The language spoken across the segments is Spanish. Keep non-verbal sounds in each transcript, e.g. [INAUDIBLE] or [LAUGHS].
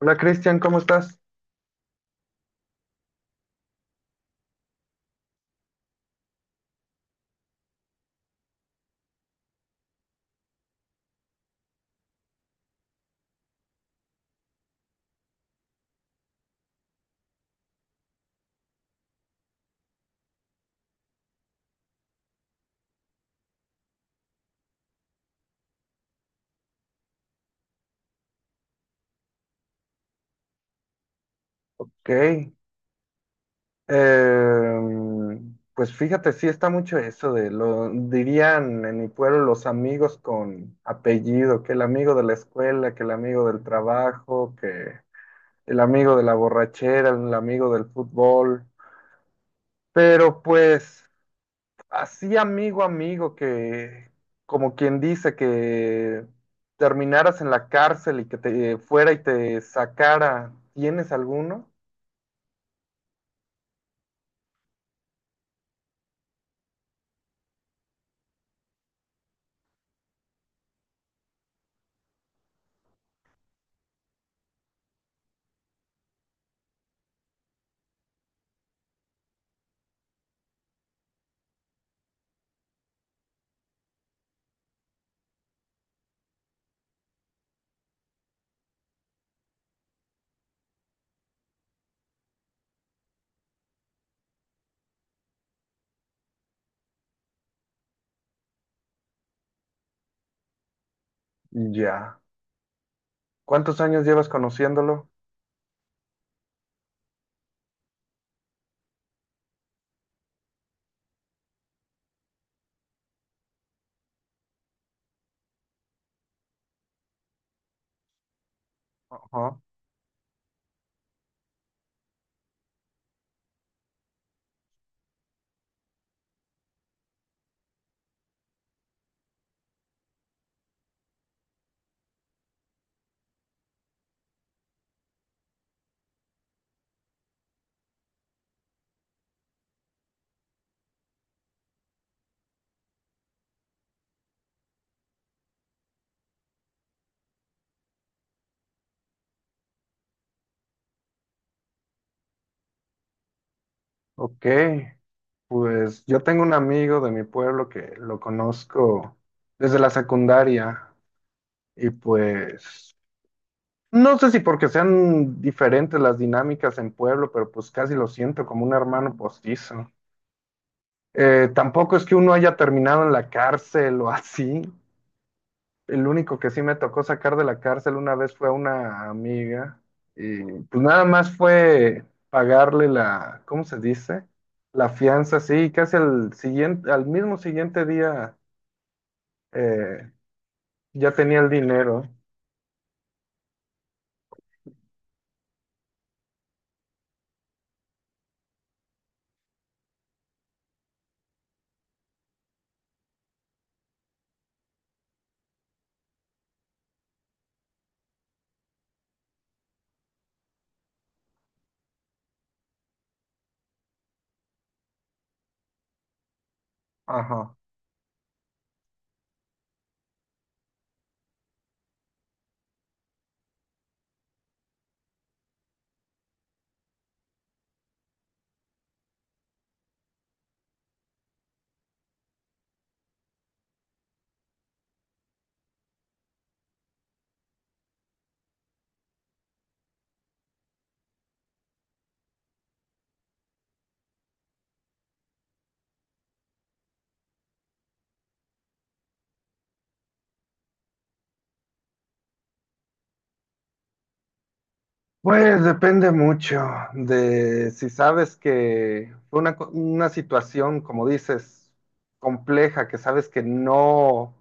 Hola Cristian, ¿cómo estás? Ok. Pues fíjate, sí está mucho eso de lo dirían en mi pueblo los amigos con apellido, que el amigo de la escuela, que el amigo del trabajo, que el amigo de la borrachera, el amigo del fútbol. Pero pues así amigo, amigo, que como quien dice que terminaras en la cárcel y que te fuera y te sacara, ¿tienes alguno? Ya. ¿Cuántos años llevas conociéndolo? Ajá. Ok, pues yo tengo un amigo de mi pueblo que lo conozco desde la secundaria y pues no sé si porque sean diferentes las dinámicas en pueblo, pero pues casi lo siento como un hermano postizo. Tampoco es que uno haya terminado en la cárcel o así. El único que sí me tocó sacar de la cárcel una vez fue a una amiga y pues nada más fue pagarle la, ¿cómo se dice? La fianza, sí, y casi al siguiente, al mismo siguiente día eh, ya tenía el dinero. Ajá. Pues depende mucho de si sabes que fue una, una situación, como dices, compleja, que sabes que no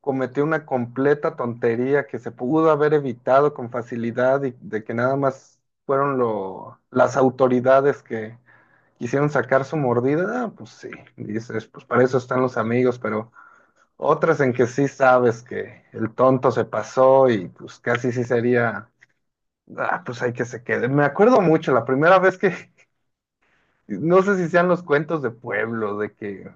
cometió una completa tontería que se pudo haber evitado con facilidad y de que nada más fueron lo, las autoridades que quisieron sacar su mordida. Ah, pues sí, dices, pues para eso están los amigos, pero otras en que sí sabes que el tonto se pasó y pues casi sí sería: ah, pues hay que se quede. Me acuerdo mucho la primera vez que, [LAUGHS] no sé si sean los cuentos de pueblo, de que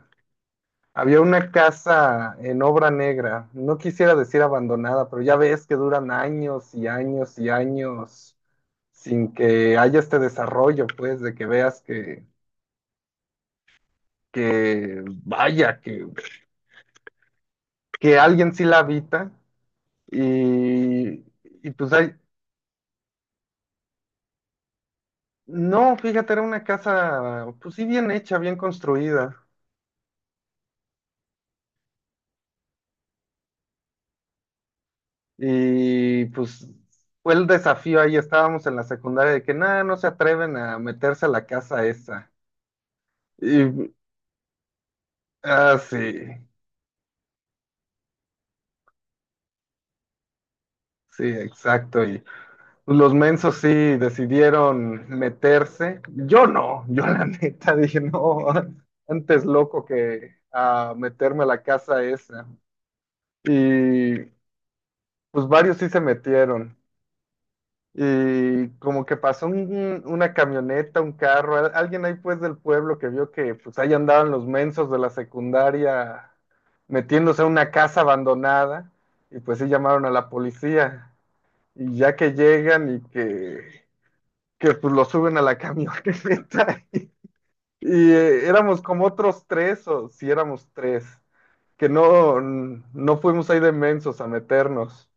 había una casa en obra negra, no quisiera decir abandonada, pero ya ves que duran años y años y años sin que haya este desarrollo, pues, de que veas que vaya, que alguien sí la habita. Y, y pues hay, no, fíjate, era una casa, pues sí, bien hecha, bien construida. Y pues fue el desafío ahí, estábamos en la secundaria de que nada, no se atreven a meterse a la casa esa. Y ah, sí, sí, exacto. Y los mensos sí decidieron meterse. Yo no, yo la neta dije, no, antes loco que a meterme a la casa esa. Y pues varios sí se metieron. Y como que pasó una camioneta, un carro, alguien ahí pues del pueblo que vio que pues ahí andaban los mensos de la secundaria metiéndose a una casa abandonada y pues sí llamaron a la policía y ya que llegan y que pues lo suben a la camioneta. [LAUGHS] Y éramos como otros 3 o si éramos 3, que no, no fuimos ahí de mensos a meternos.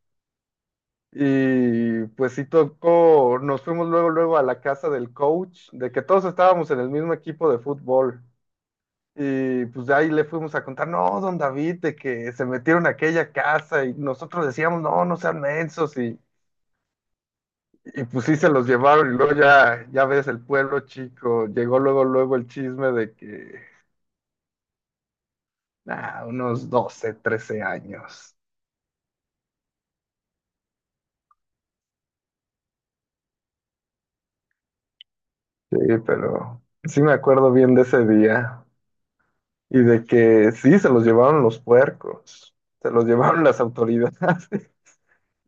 Y pues sí tocó, nos fuimos luego, luego a la casa del coach, de que todos estábamos en el mismo equipo de fútbol. Y pues de ahí le fuimos a contar, no, don David, de que se metieron a aquella casa y nosotros decíamos, no, no sean mensos. Y, y pues sí se los llevaron y luego ya, ya ves el pueblo chico, llegó luego, luego el chisme de que, ah, unos 12 13 años. Sí, pero sí me acuerdo bien de ese día. Y de que sí, se los llevaron los puercos, se los [LAUGHS] llevaron las autoridades. [LAUGHS]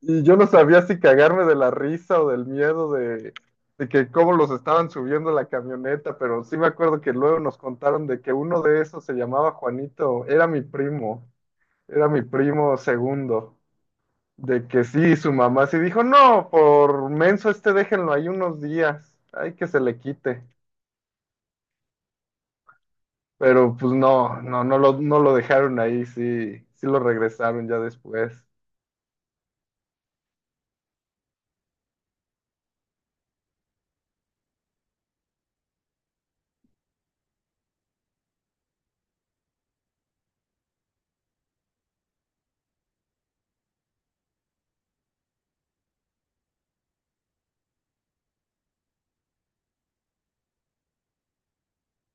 Y yo no sabía si cagarme de la risa o del miedo de que cómo los estaban subiendo a la camioneta, pero sí me acuerdo que luego nos contaron de que uno de esos se llamaba Juanito, era mi primo segundo, de que sí, su mamá sí dijo, no, por menso este déjenlo ahí unos días, ay, que se le quite. Pero pues no, no, no lo, no lo dejaron ahí, sí, sí lo regresaron ya después.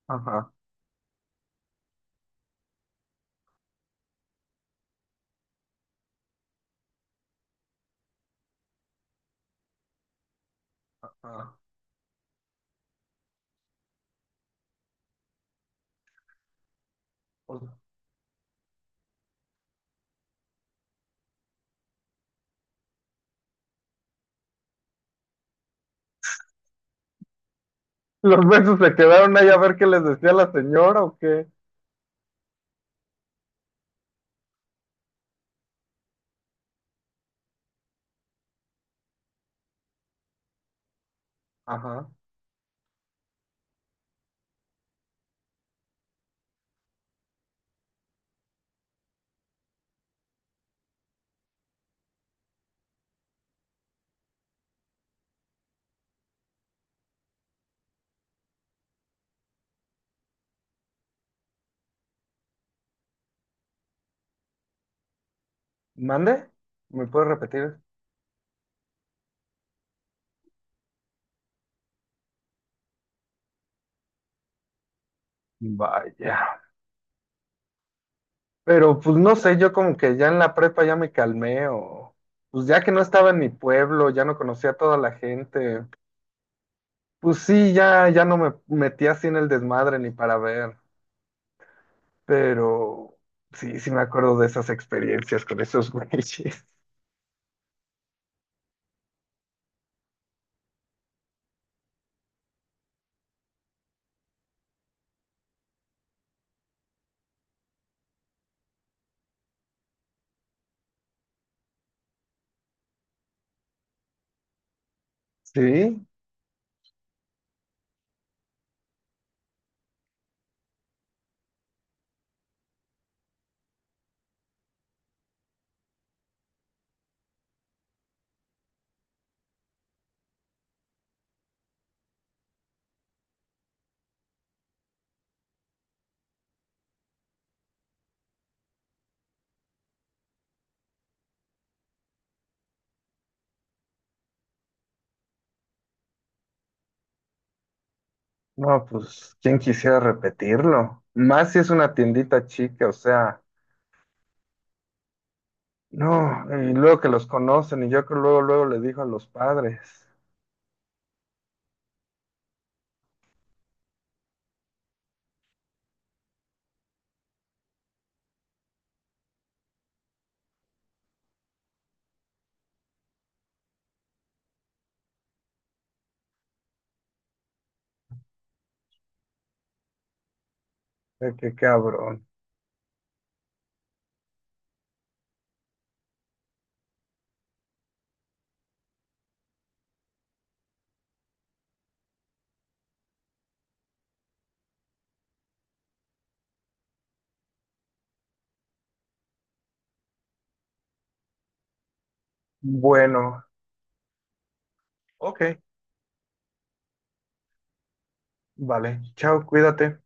Ajá, ajá. O sea, ¿los besos se quedaron ahí a ver qué les decía la señora o qué? Ajá. ¿Mande? ¿Me puedes repetir? Vaya. Pero pues no sé, yo como que ya en la prepa ya me calmé o pues ya que no estaba en mi pueblo, ya no conocía a toda la gente. Pues sí, ya, ya no me metí así en el desmadre ni para ver. Pero sí, sí me acuerdo de esas experiencias con esos [LAUGHS] güeyes. Sí, no, pues, ¿quién quisiera repetirlo? Más si es una tiendita chica, o sea, no, y luego que los conocen, y yo creo luego, luego le dijo a los padres. Qué cabrón. Bueno, ok, vale, chao, cuídate.